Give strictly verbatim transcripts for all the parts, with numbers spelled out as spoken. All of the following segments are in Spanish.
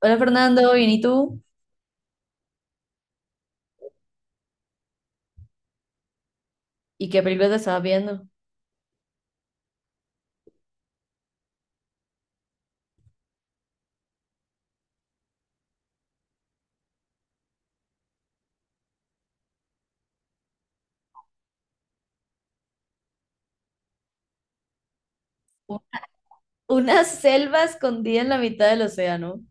Hola Fernando, bien, ¿y tú? ¿Y qué película te estabas viendo? U- Una selva escondida en la mitad del océano.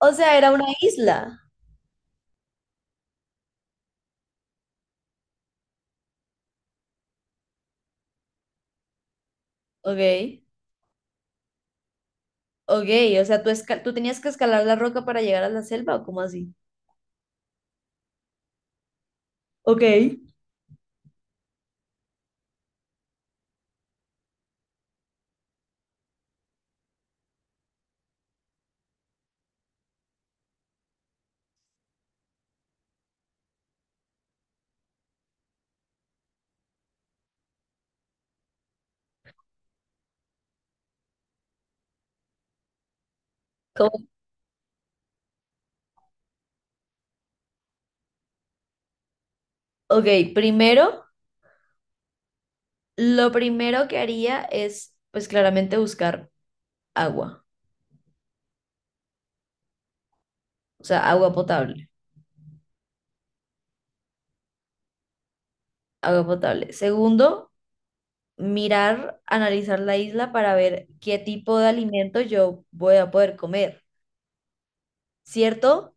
O sea, era una isla. Ok, ok, o sea, ¿tú, esca- ¿tú tenías que escalar la roca para llegar a la selva o cómo así? Ok. ¿Cómo? Ok, primero, lo primero que haría es, pues claramente buscar agua, o sea, agua potable, agua potable. Segundo, mirar, analizar la isla para ver qué tipo de alimento yo voy a poder comer, ¿cierto?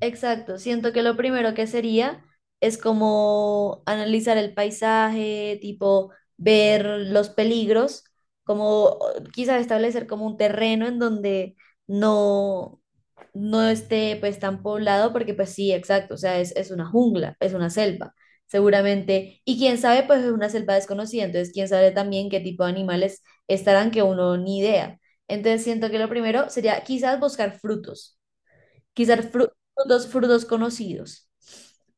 Exacto, siento que lo primero que sería es como analizar el paisaje, tipo ver los peligros, como quizás establecer como un terreno en donde no, no esté pues tan poblado, porque pues sí, exacto, o sea, es, es una jungla, es una selva, seguramente, y quién sabe, pues es una selva desconocida, entonces quién sabe también qué tipo de animales estarán que uno ni idea. Entonces siento que lo primero sería quizás buscar frutos Quizás fru- frutos, frutos conocidos.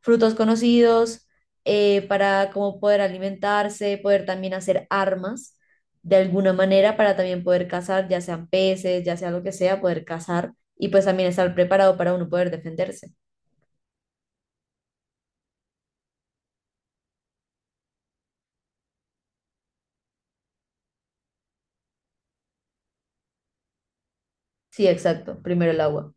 Frutos conocidos eh, para como poder alimentarse, poder también hacer armas de alguna manera para también poder cazar, ya sean peces, ya sea lo que sea, poder cazar y pues también estar preparado para uno poder defenderse. Sí, exacto. Primero el agua.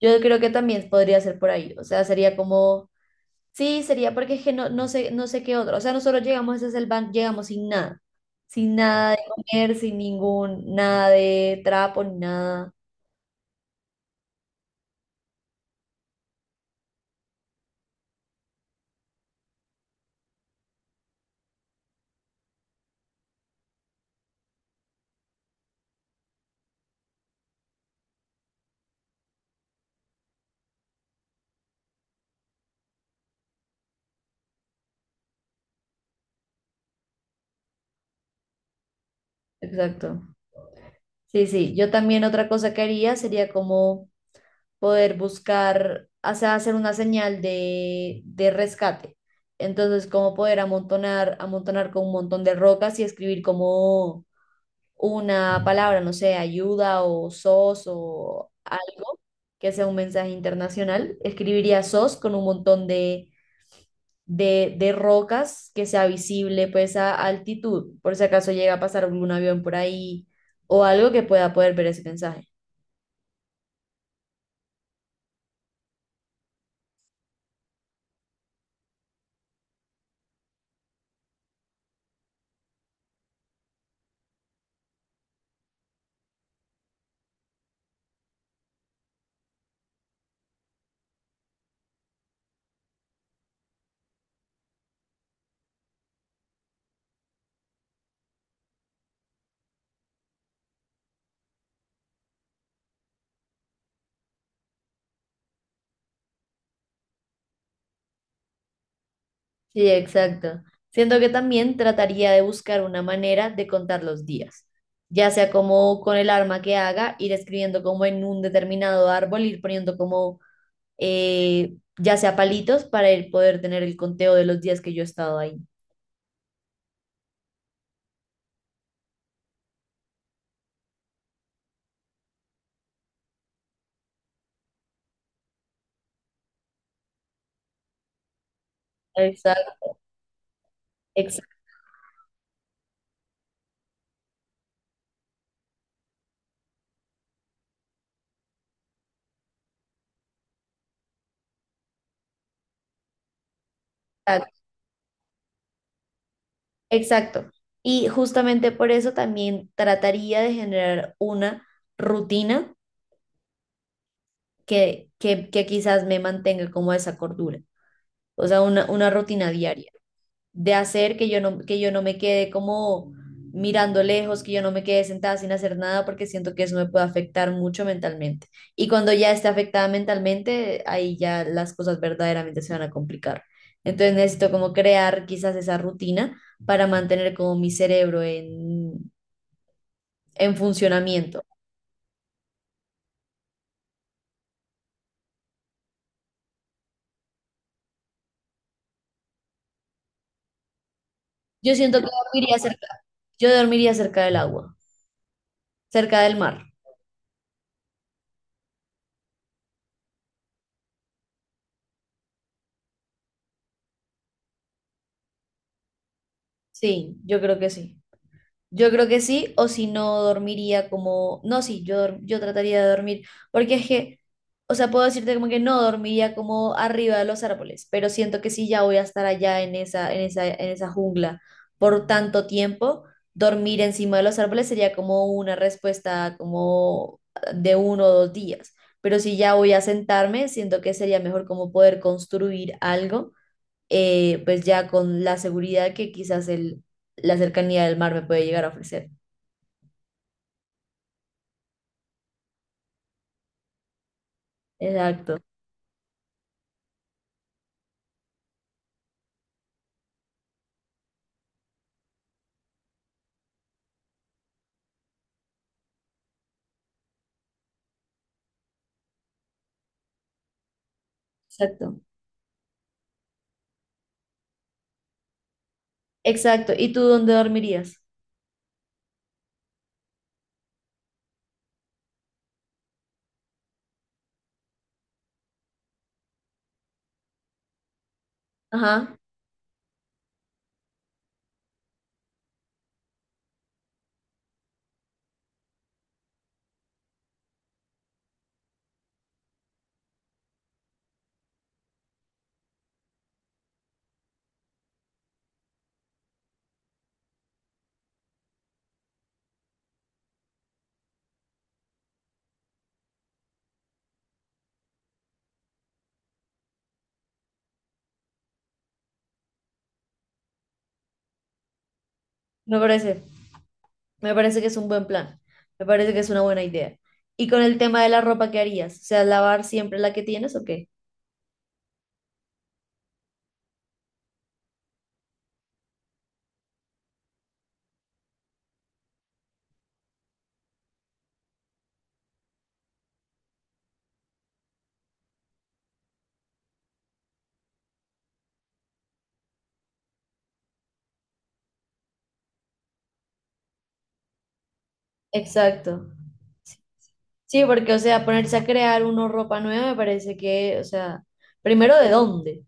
Yo creo que también podría ser por ahí. O sea, sería como. Sí, sería porque es que no, no sé, no sé qué otro. O sea, nosotros llegamos a esa selva, llegamos sin nada. Sin nada de comer, sin ningún, nada de trapo, ni nada. Exacto. Sí, sí. Yo también otra cosa que haría sería como poder buscar, o sea, hacer una señal de, de rescate. Entonces, como poder amontonar, amontonar con un montón de rocas y escribir como una palabra, no sé, ayuda o S O S o algo que sea un mensaje internacional, escribiría S O S con un montón de, de, de rocas que sea visible pues a altitud, por si acaso llega a pasar algún avión por ahí o algo que pueda poder ver ese mensaje. Sí, exacto. Siento que también trataría de buscar una manera de contar los días, ya sea como con el arma que haga, ir escribiendo como en un determinado árbol, ir poniendo como eh, ya sea palitos, para el- poder tener el conteo de los días que yo he estado ahí. Exacto, exacto, exacto. Y justamente por eso también trataría de generar una rutina que, que, que quizás me mantenga como a esa cordura, o sea, una, una rutina diaria. De hacer, que yo no, que yo no me quede como mirando lejos, que yo no me quede sentada sin hacer nada, porque siento que eso me puede afectar mucho mentalmente. Y cuando ya esté afectada mentalmente, ahí ya las cosas verdaderamente se van a complicar. Entonces necesito como crear quizás esa rutina para mantener como mi cerebro en, en funcionamiento. Yo siento que dormiría cerca, yo dormiría cerca del agua, cerca del mar. Sí, yo creo que sí. Yo creo que sí, o si no dormiría como, no, sí, yo, dor- yo trataría de dormir, porque es que, o sea, puedo decirte como que no dormiría como arriba de los árboles, pero siento que sí ya voy a estar allá en esa, en esa, en esa jungla por tanto tiempo, dormir encima de los árboles sería como una respuesta como de uno o dos días, pero si ya voy a sentarme, siento que sería mejor como poder construir algo eh, pues ya con la seguridad que quizás el, la cercanía del mar me puede llegar a ofrecer. Exacto, exacto, exacto. ¿Y tú dónde dormirías? Ajá, me parece, me parece que es un buen plan, me parece que es una buena idea. ¿Y con el tema de la ropa qué harías? O sea, ¿lavar siempre la que tienes o qué? Exacto. Sí, porque, o sea, ponerse a crear una ropa nueva me parece que, o sea, primero de dónde.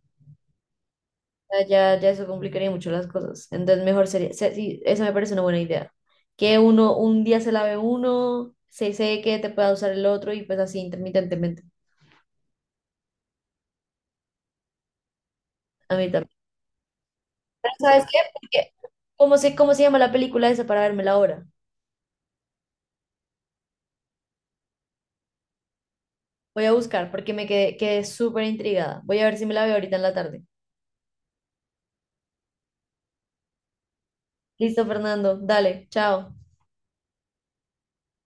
Sea, Ya, ya eso complicaría mucho las cosas. Entonces, mejor sería, se- sí, esa me parece una buena idea. Que uno, un día se lave uno, se seque, te pueda usar el otro y pues así intermitentemente. A mí también. Pero ¿sabes qué? Porque ¿cómo sé cómo se llama la película esa para vérmela ahora? Voy a buscar porque me quedé, quedé súper intrigada. Voy a ver si me la veo ahorita en la tarde. Listo, Fernando. Dale, chao.